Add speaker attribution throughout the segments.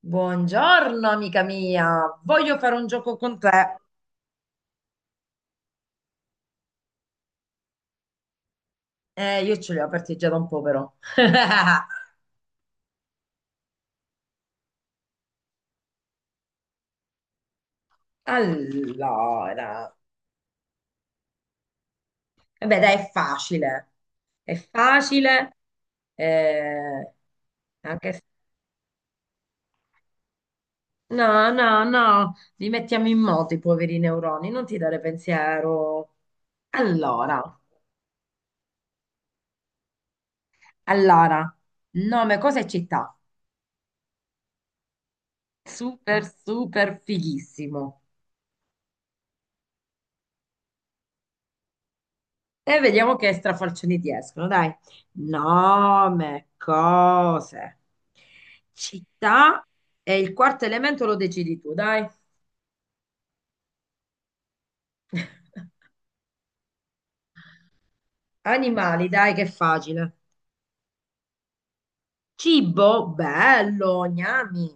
Speaker 1: Buongiorno amica mia, voglio fare un gioco con te. Io ce li ho aperti già da un po', però. Allora, eh beh, dai, è facile. È facile. eh, anche... No, no, no, li mettiamo in moto i poveri neuroni, non ti dare pensiero. Allora, allora, nome, cosa e città? Super, super fighissimo. E vediamo che strafalcioni ti escono, dai. Nome, cose, città e il quarto elemento lo decidi tu, dai. Animali, dai, che è facile. Cibo, bello, gnami.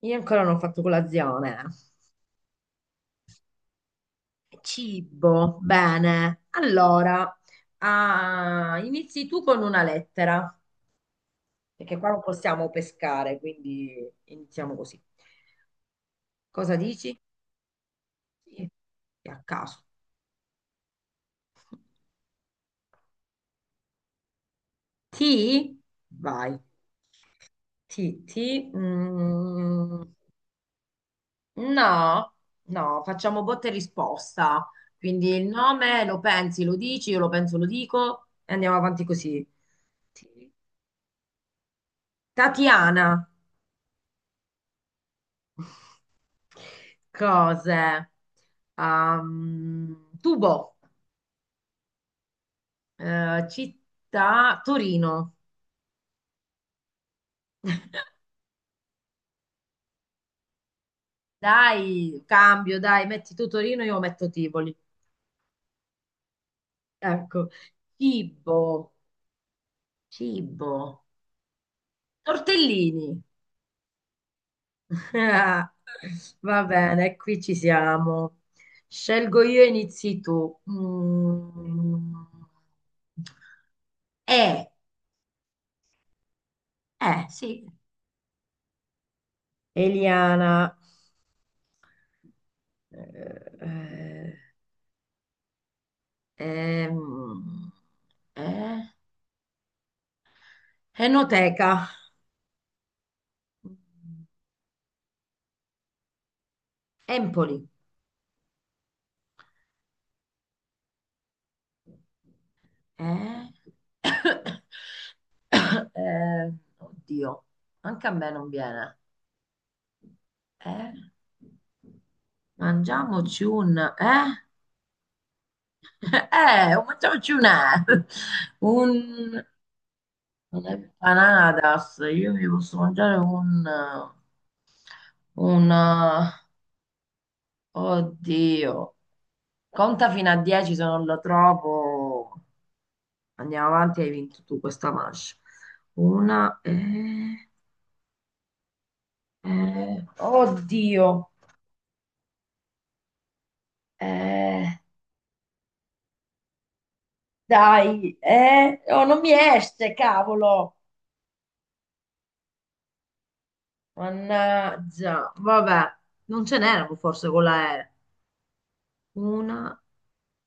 Speaker 1: Io ancora non ho fatto colazione. Cibo, bene. Allora, inizi tu con una lettera, perché qua non possiamo pescare, quindi iniziamo così. Cosa dici? Sì, a caso. Ti? Vai. Ti, ti. mm, no, no, facciamo botta e risposta. Quindi il nome lo pensi, lo dici, io lo penso, lo dico e andiamo avanti così. Ti. Tatiana. Cose. Tubo. Città, Torino. Dai, cambio, dai, metti tu Torino, io metto Tivoli. Ecco. Cibo. Cibo. Tortellini. Va bene, qui ci siamo. Scelgo io e inizi tu. Mm. Eh, sì. Eliana. Eh, ehm, eh, Enoteca. Empoli. Eh? Eh, oddio, anche a me non viene. Eh? Mangiamoci un... Eh? Mangiamoci un... Un'empanadas. Io mi posso mangiare un... Un... Oddio. Conta fino a 10 se non lo trovo. Andiamo avanti, hai vinto tu questa manche. Una... Oddio. Eh, dai. Oh, non mi esce, cavolo. Mannaggia, vabbè, non ce n'erano forse con la E. Una,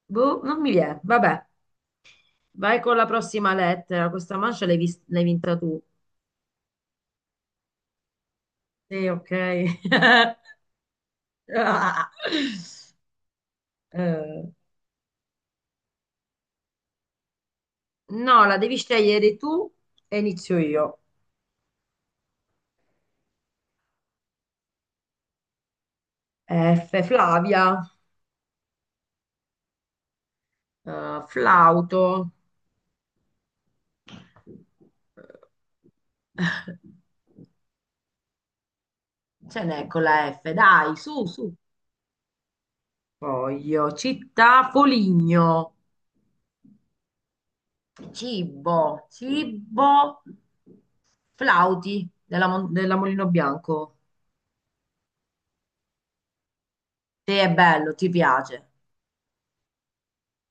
Speaker 1: boh, non mi viene. Vabbè, vai con la prossima lettera. Questa mancia l'hai vinta tu. Sì, ok. Ah. Eh, no, la devi scegliere tu e inizio io. F, Flavia, flauto. Ce n'è con la F, dai, su, su. Poi io, città, Foligno. Cibo, flauti della Mulino Bianco. Te è bello, ti piace.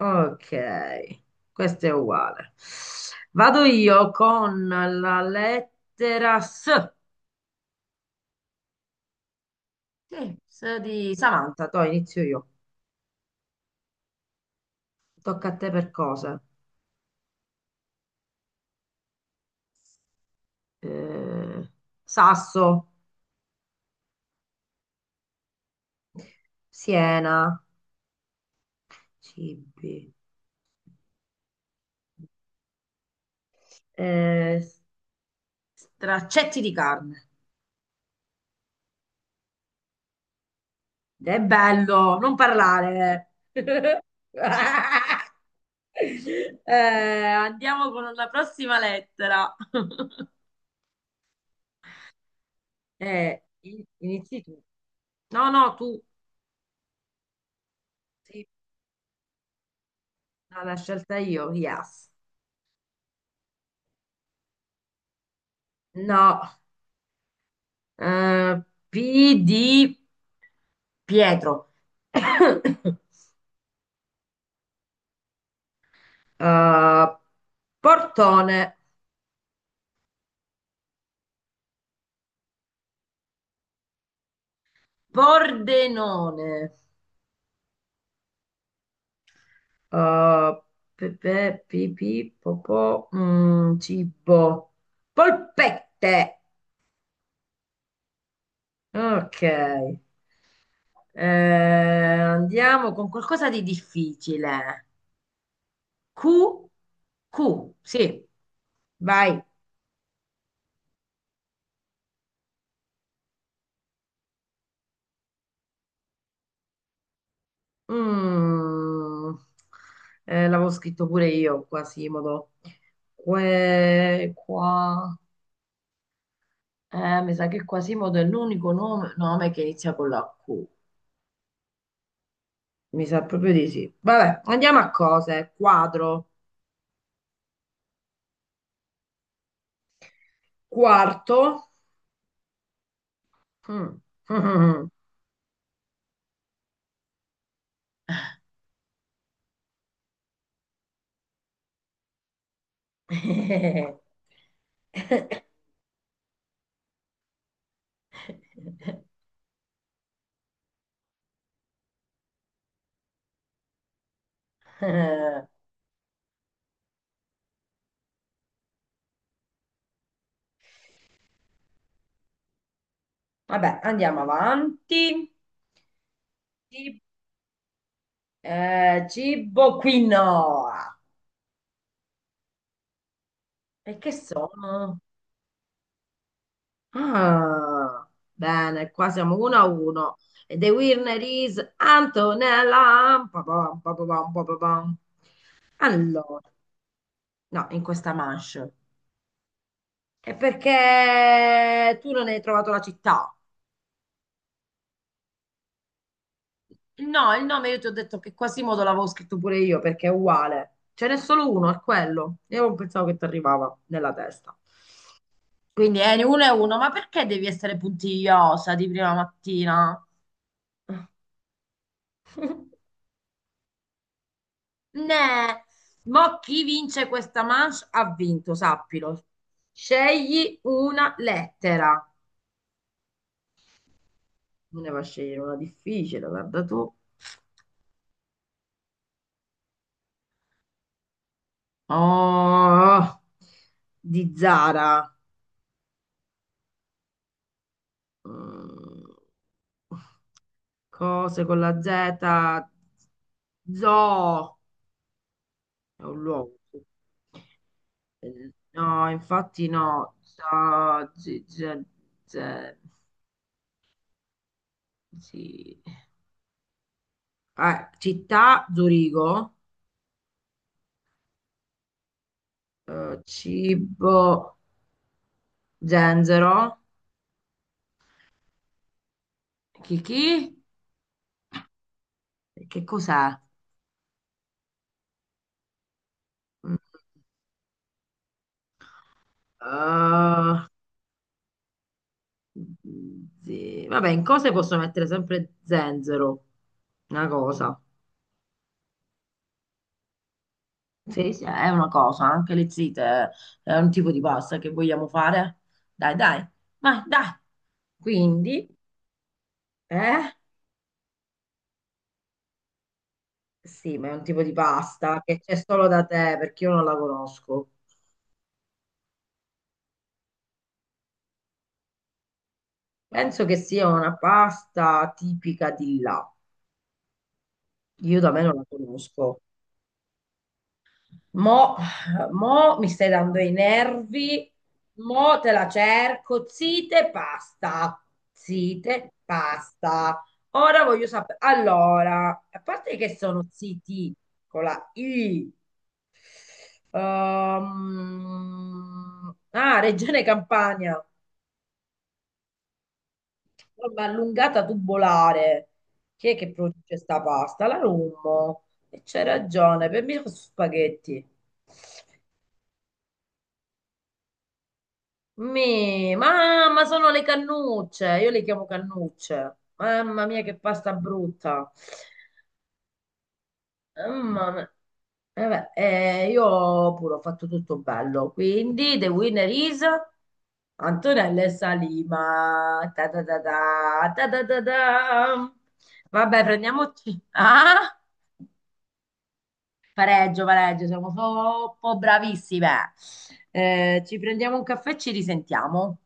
Speaker 1: Ok, questo è uguale. Vado io con la lettera S. Sì, S di Samantha, to inizio io. Tocca a te per cose. Eh, Sasso, Siena, cibi, eh, straccetti di carne. È bello, non parlare. Andiamo con la prossima lettera. Inizi tu. No, no, tu. Sì, no, la scelta io, yes. No, eh, P di Pietro. Eh, Portone, Pordenone. Uh, pepe, pipì, popò, mm, cibo, polpette. Ok. Andiamo con qualcosa di difficile. Q, Q, sì, vai. Mm. L'avevo scritto pure io, Quasimodo. Que, qua. Mi sa che Quasimodo è l'unico nome che inizia con la Q. Mi sa proprio di sì. Vabbè, andiamo a cose. Quadro, quarto. Mm. Eh, Vabbè, andiamo avanti. Ci- Cibo quinoa. E che sono? Ah, bene, qua siamo uno a uno. E the winner is Antonella. Pa-pam, pa-pam, pa-pam. Allora, no, in questa manche. È perché tu non hai trovato la città. No, il nome io ti ho detto che Quasimodo l'avevo scritto pure io perché è uguale. Ce n'è solo uno, è quello. Io non pensavo che ti arrivava nella testa. Quindi è uno e uno, ma perché devi essere puntigliosa di prima mattina? Ne, mo chi vince questa manche ha vinto, sappilo. Scegli una lettera. Non ne va a scegliere una difficile, guarda tu. Oh, di Zara. Mm, cose con la Z. Zoo. È un luogo. Sì. No, infatti no. Z- sì. Ah, città, Zurigo. Cibo, zenzero. Chi chi? Che cos'è? Mm, eh, Sì. Vabbè, in cose posso mettere sempre zenzero, una cosa. Sì, sì, è una cosa, anche le zite è un tipo di pasta che vogliamo fare. Dai, dai, vai, dai. Quindi, eh? Sì, ma è un tipo di pasta che c'è solo da te perché io non la conosco. Penso che sia una pasta tipica di là. Io da me non la conosco. Mo, mo mi stai dando i nervi, mo te la cerco, zite, pasta, zite, pasta. Ora voglio sapere, allora, a parte che sono ziti con la I, Regione Campania, forma allungata tubolare, chi è che produce sta pasta? La Rummo, e c'è ragione, per me sono spaghetti. Mi, mamma, sono le cannucce. Io le chiamo cannucce. Mamma mia, che pasta brutta. Mamma mia. Eh beh, io pure ho fatto tutto bello. Quindi, the winner is Antonella e Salima. Ta ta ta ta, ta ta ta ta. Vabbè, prendiamoci. Ah? Pareggio, pareggio, siamo troppo bravissime. Ci prendiamo un caffè e ci risentiamo.